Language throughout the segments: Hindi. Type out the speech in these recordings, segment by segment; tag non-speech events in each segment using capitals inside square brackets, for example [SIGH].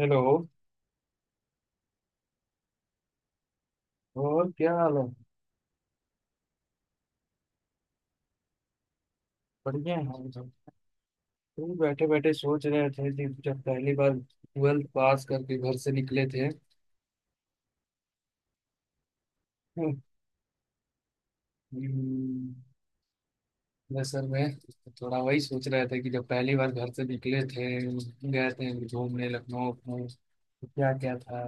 हेलो। और क्या हाल है। बढ़िया है हम सब। तुम बैठे बैठे सोच रहे थे कि जब पहली बार ट्वेल्थ पास करके घर से निकले थे। हम्म, असल में थोड़ा वही सोच रहे थे कि जब पहली बार घर से निकले थे, गए थे घूमने लखनऊ में। क्या क्या था।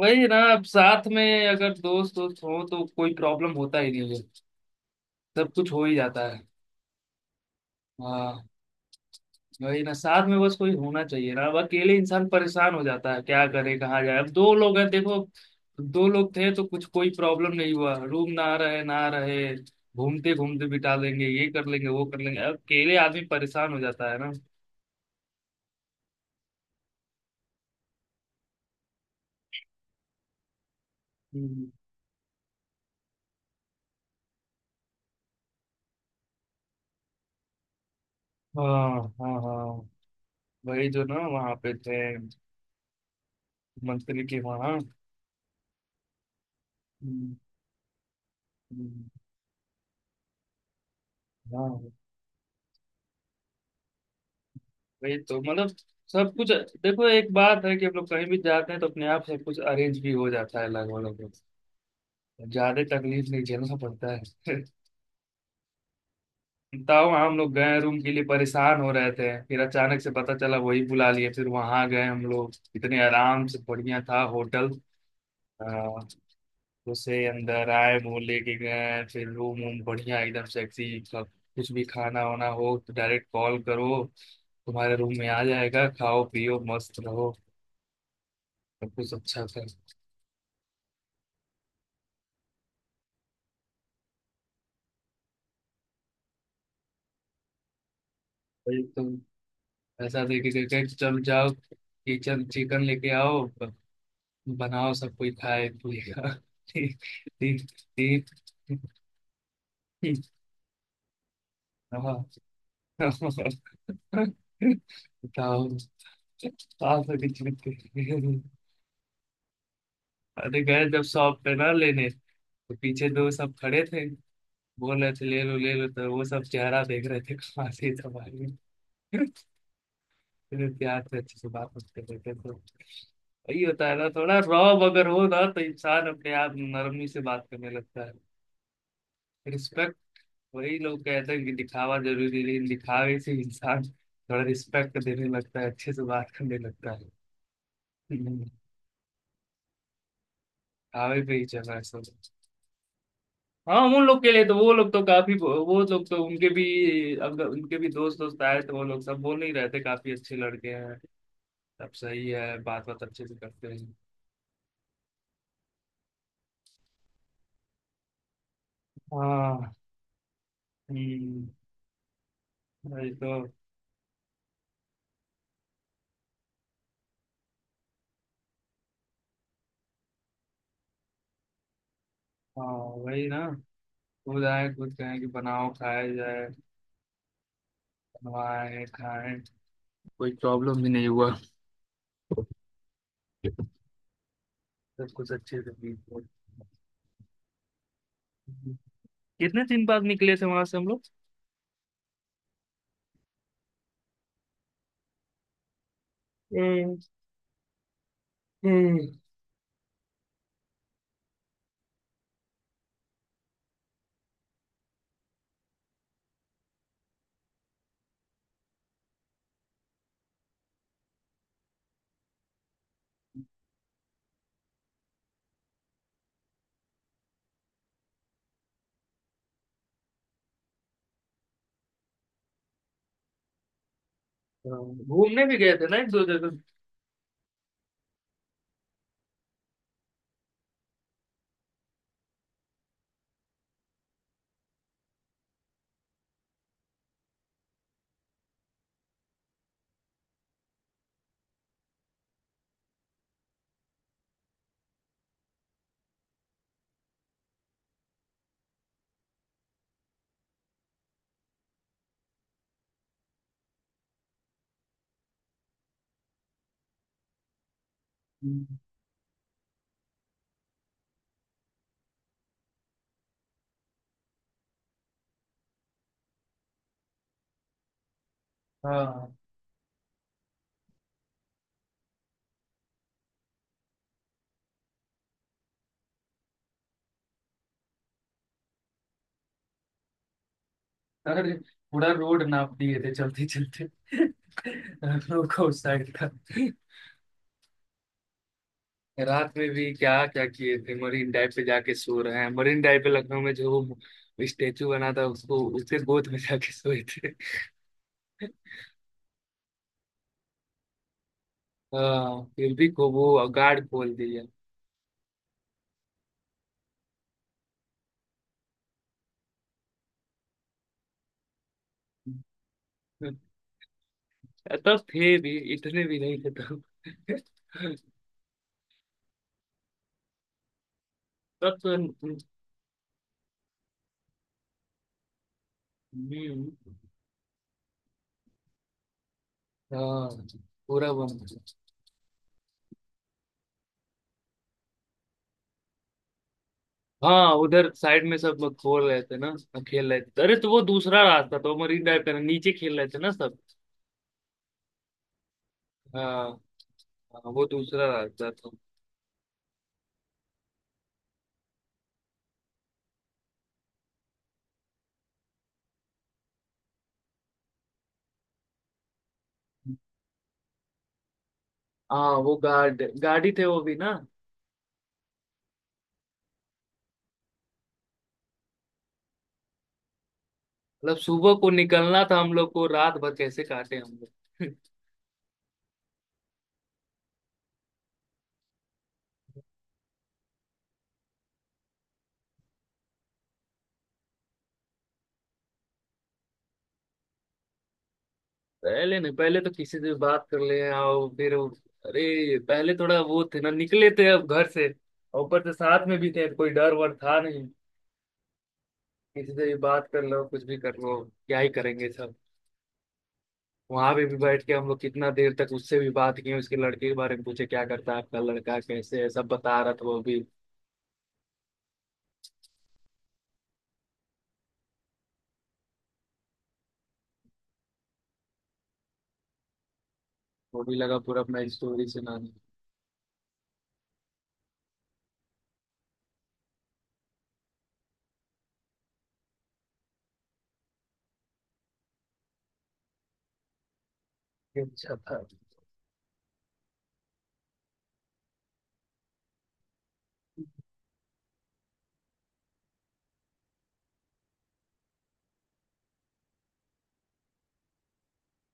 वही ना, अब साथ में अगर दोस्त दोस्त हो तो कोई प्रॉब्लम होता ही नहीं है। सब कुछ हो ही जाता है। हाँ, वही ना, साथ में बस कोई होना चाहिए ना। अब अकेले इंसान परेशान हो जाता है, क्या करे कहाँ जाए। अब दो लोग हैं देखो, दो लोग थे तो कुछ कोई प्रॉब्लम नहीं हुआ। रूम ना रहे ना रहे, घूमते घूमते बिता देंगे, ये कर लेंगे वो कर लेंगे। अब अकेले आदमी परेशान हो जाता है ना। हम्म। हाँ हाँ हाँ, वही जो ना वहाँ पे थे, मंत्री के वहाँ। हम्म, हम्म, हाँ। वही तो मतलब, सब कुछ, देखो एक बात है कि हम लोग कहीं भी जाते हैं तो अपने आप सब कुछ अरेंज भी हो जाता है लगभग लगभग। ज्यादा तकलीफ नहीं झेलना पड़ता है। [LAUGHS] तब हम लोग गए, रूम के लिए परेशान हो रहे थे, फिर अचानक से पता चला, वही बुला लिए, फिर वहां गए हम लोग इतने आराम से, बढ़िया था होटल। आ, उसे अंदर आए, वो लेके गए, फिर रूम वूम बढ़िया एकदम सेक्सी। कुछ भी खाना वाना हो तो डायरेक्ट कॉल करो, तुम्हारे रूम में आ जाएगा। खाओ पियो मस्त रहो। सब कुछ अच्छा था। भाई तुम ऐसा देके गए कि चल जाओ, किचन चिकन लेके आओ, बनाओ, सब कोई खाए पिएगा। ठीक ठीक ठीक ठीक। हाँ, बताओ, आप अभी जीते। अरे, गए जब शॉप पे ना लेने, तो पीछे दो सब खड़े थे, बोल रहे थे ले लो ले लो, तो वो सब चेहरा देख रहे थे कहाँ से तुम्हारी। फिर प्यार से अच्छे से बात करते रहते तो, वही होता है ना, थोड़ा रॉब अगर हो ना तो इंसान अपने आप नरमी से बात करने लगता है। रिस्पेक्ट, वही लोग कहते हैं कि दिखावा जरूरी, लेकिन दिखावे से इंसान थोड़ा रिस्पेक्ट देने लगता है, अच्छे से बात करने लगता है। हम्म, दिखावे पे ही चल रहा है सब। हाँ, उन लोग के लिए तो, वो लोग तो काफी, वो लोग तो उनके भी, अब उनके भी दोस्त दोस्त आए तो वो लोग सब बोल नहीं रहे थे, काफी अच्छे लड़के हैं, सब सही है, बात बात अच्छे से करते हैं। हाँ, हम्म, वही तो। हाँ वही ना, खुद आए खुद कहें कि बनाओ खाया जाए, बनवाए खाएं, कोई प्रॉब्लम भी नहीं हुआ, सब कुछ अच्छे से बीत गया। कितने दिन बाद निकले थे वहां से हम लोग। हम्म, हम्म। हाँ, घूमने भी गए थे ना एक दो जगह। हम्म, हाँ। अरे, पूरा रोड नाप दिए थे चलते चलते हम लोग को उस साइड का। रात में भी क्या क्या किए थे, मरीन ड्राइव पे जाके सो रहे हैं, मरीन ड्राइव पे लखनऊ में जो वो स्टेचू बना था, उसको उसके गोद में जाके सोए थे। हाँ, फिर भी को वो गार्ड खोल दिया। तब थे भी, इतने भी नहीं थे तब। [LAUGHS] तब तो, हम्म, हाँ, पूरा बंद था। हाँ, उधर साइड में सब लोग खोल रहे थे ना, खेल रहे थे। अरे तो वो दूसरा रास्ता था, वो मरीन ड्राइव का ना, नीचे खेल रहे थे ना सब। हाँ, हाँ, वो दूसरा रास्ता था। हाँ, वो गार्ड गाड़ी थे वो भी ना। मतलब सुबह को निकलना था हम लोग को, रात भर कैसे काटे हम लोग। पहले नहीं, पहले तो किसी से बात कर ले आओ फिर वो-, अरे पहले थोड़ा वो थे ना, निकले थे अब घर से, और ऊपर से साथ में भी थे, कोई डर वर था नहीं। किसी से भी बात कर लो, कुछ भी कर लो, क्या ही करेंगे सब। वहां पे भी बैठ के हम लोग कितना देर तक उससे भी बात किए, उसके लड़के के बारे में पूछे, क्या करता है आपका लड़का कैसे है, सब बता रहा था वो भी, वो भी लगा पूरा अपना स्टोरी सुनाने। अच्छा था।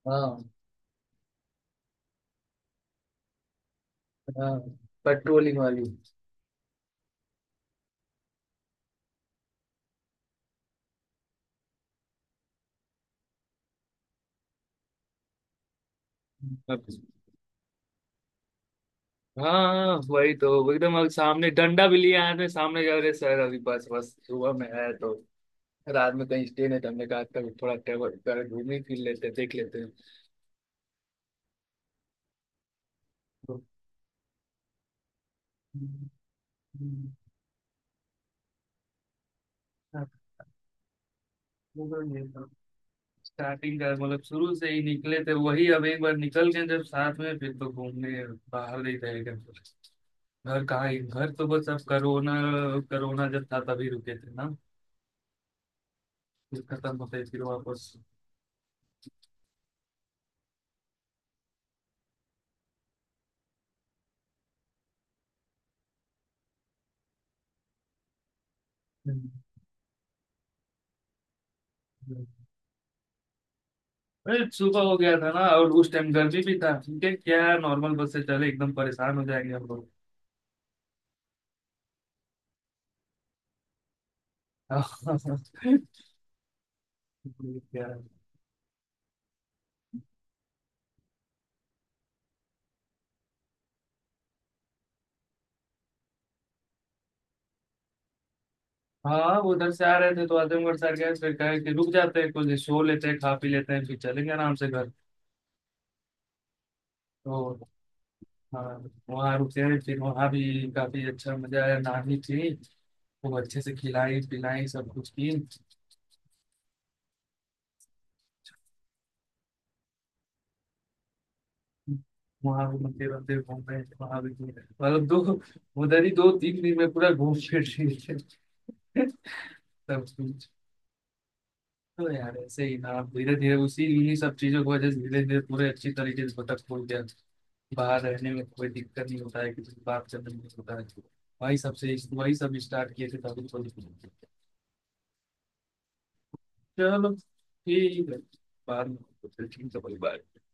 हाँ, हाँ पेट्रोलिंग वाली। हाँ वही तो, एकदम अब सामने डंडा भी लिया हाथ में, सामने जा रहे सर, अभी बस बस सुबह में है तो, रात में कहीं स्टे नहीं था, हमने कहा कभी थोड़ा टेबल कर घूम ही फिर लेते हैं, देख लेते हैं। तो स्टार्टिंग का मतलब शुरू से ही निकले थे, वही अब एक बार निकल गए जब साथ में, फिर तो घूमने बाहर नहीं थे एकदम। घर कहाँ ही, घर तो बस, अब कोरोना, कोरोना जब था तभी रुके थे ना, फिर खत्म होते फिर वापस। अरे सुबह हो गया था ना, और उस टाइम गर्मी भी था, ठीक है क्या नॉर्मल बस से चले, एकदम परेशान हो जाएंगे हम लोग। [LAUGHS] क्या। हाँ वो उधर से आ रहे थे तो आजमगढ़ सर गए, फिर कहे कि रुक जाते हैं, कुछ सो लेते हैं खा पी लेते हैं, फिर चलेंगे आराम से घर। तो हाँ, वहाँ रुके हैं, फिर वहाँ भी काफी अच्छा मजा आया, नानी थी, वो अच्छे से खिलाई पिलाई सब कुछ की। वहाँ भी मंदिर वंदिर घूम रहे थे, वहाँ भी घूम रहे थे। मतलब दो, उधर ही दो तीन दिन में पूरा घूम फिर रहे थे। [LAUGHS] सब कुछ। तो यार ऐसे ही ना, अब धीरे धीरे उसी इन्हीं सब चीजों की वजह से, धीरे धीरे पूरे अच्छी तरीके से भटक फूट गया। बाहर रहने में कोई दिक्कत नहीं होता है, किसी से बात से नहीं होता है। वही सबसे, वही सब स्टार्ट किए थे तभी थोड़ी। चलो ठीक है, बाद में। ठीक है, कोई बात नहीं।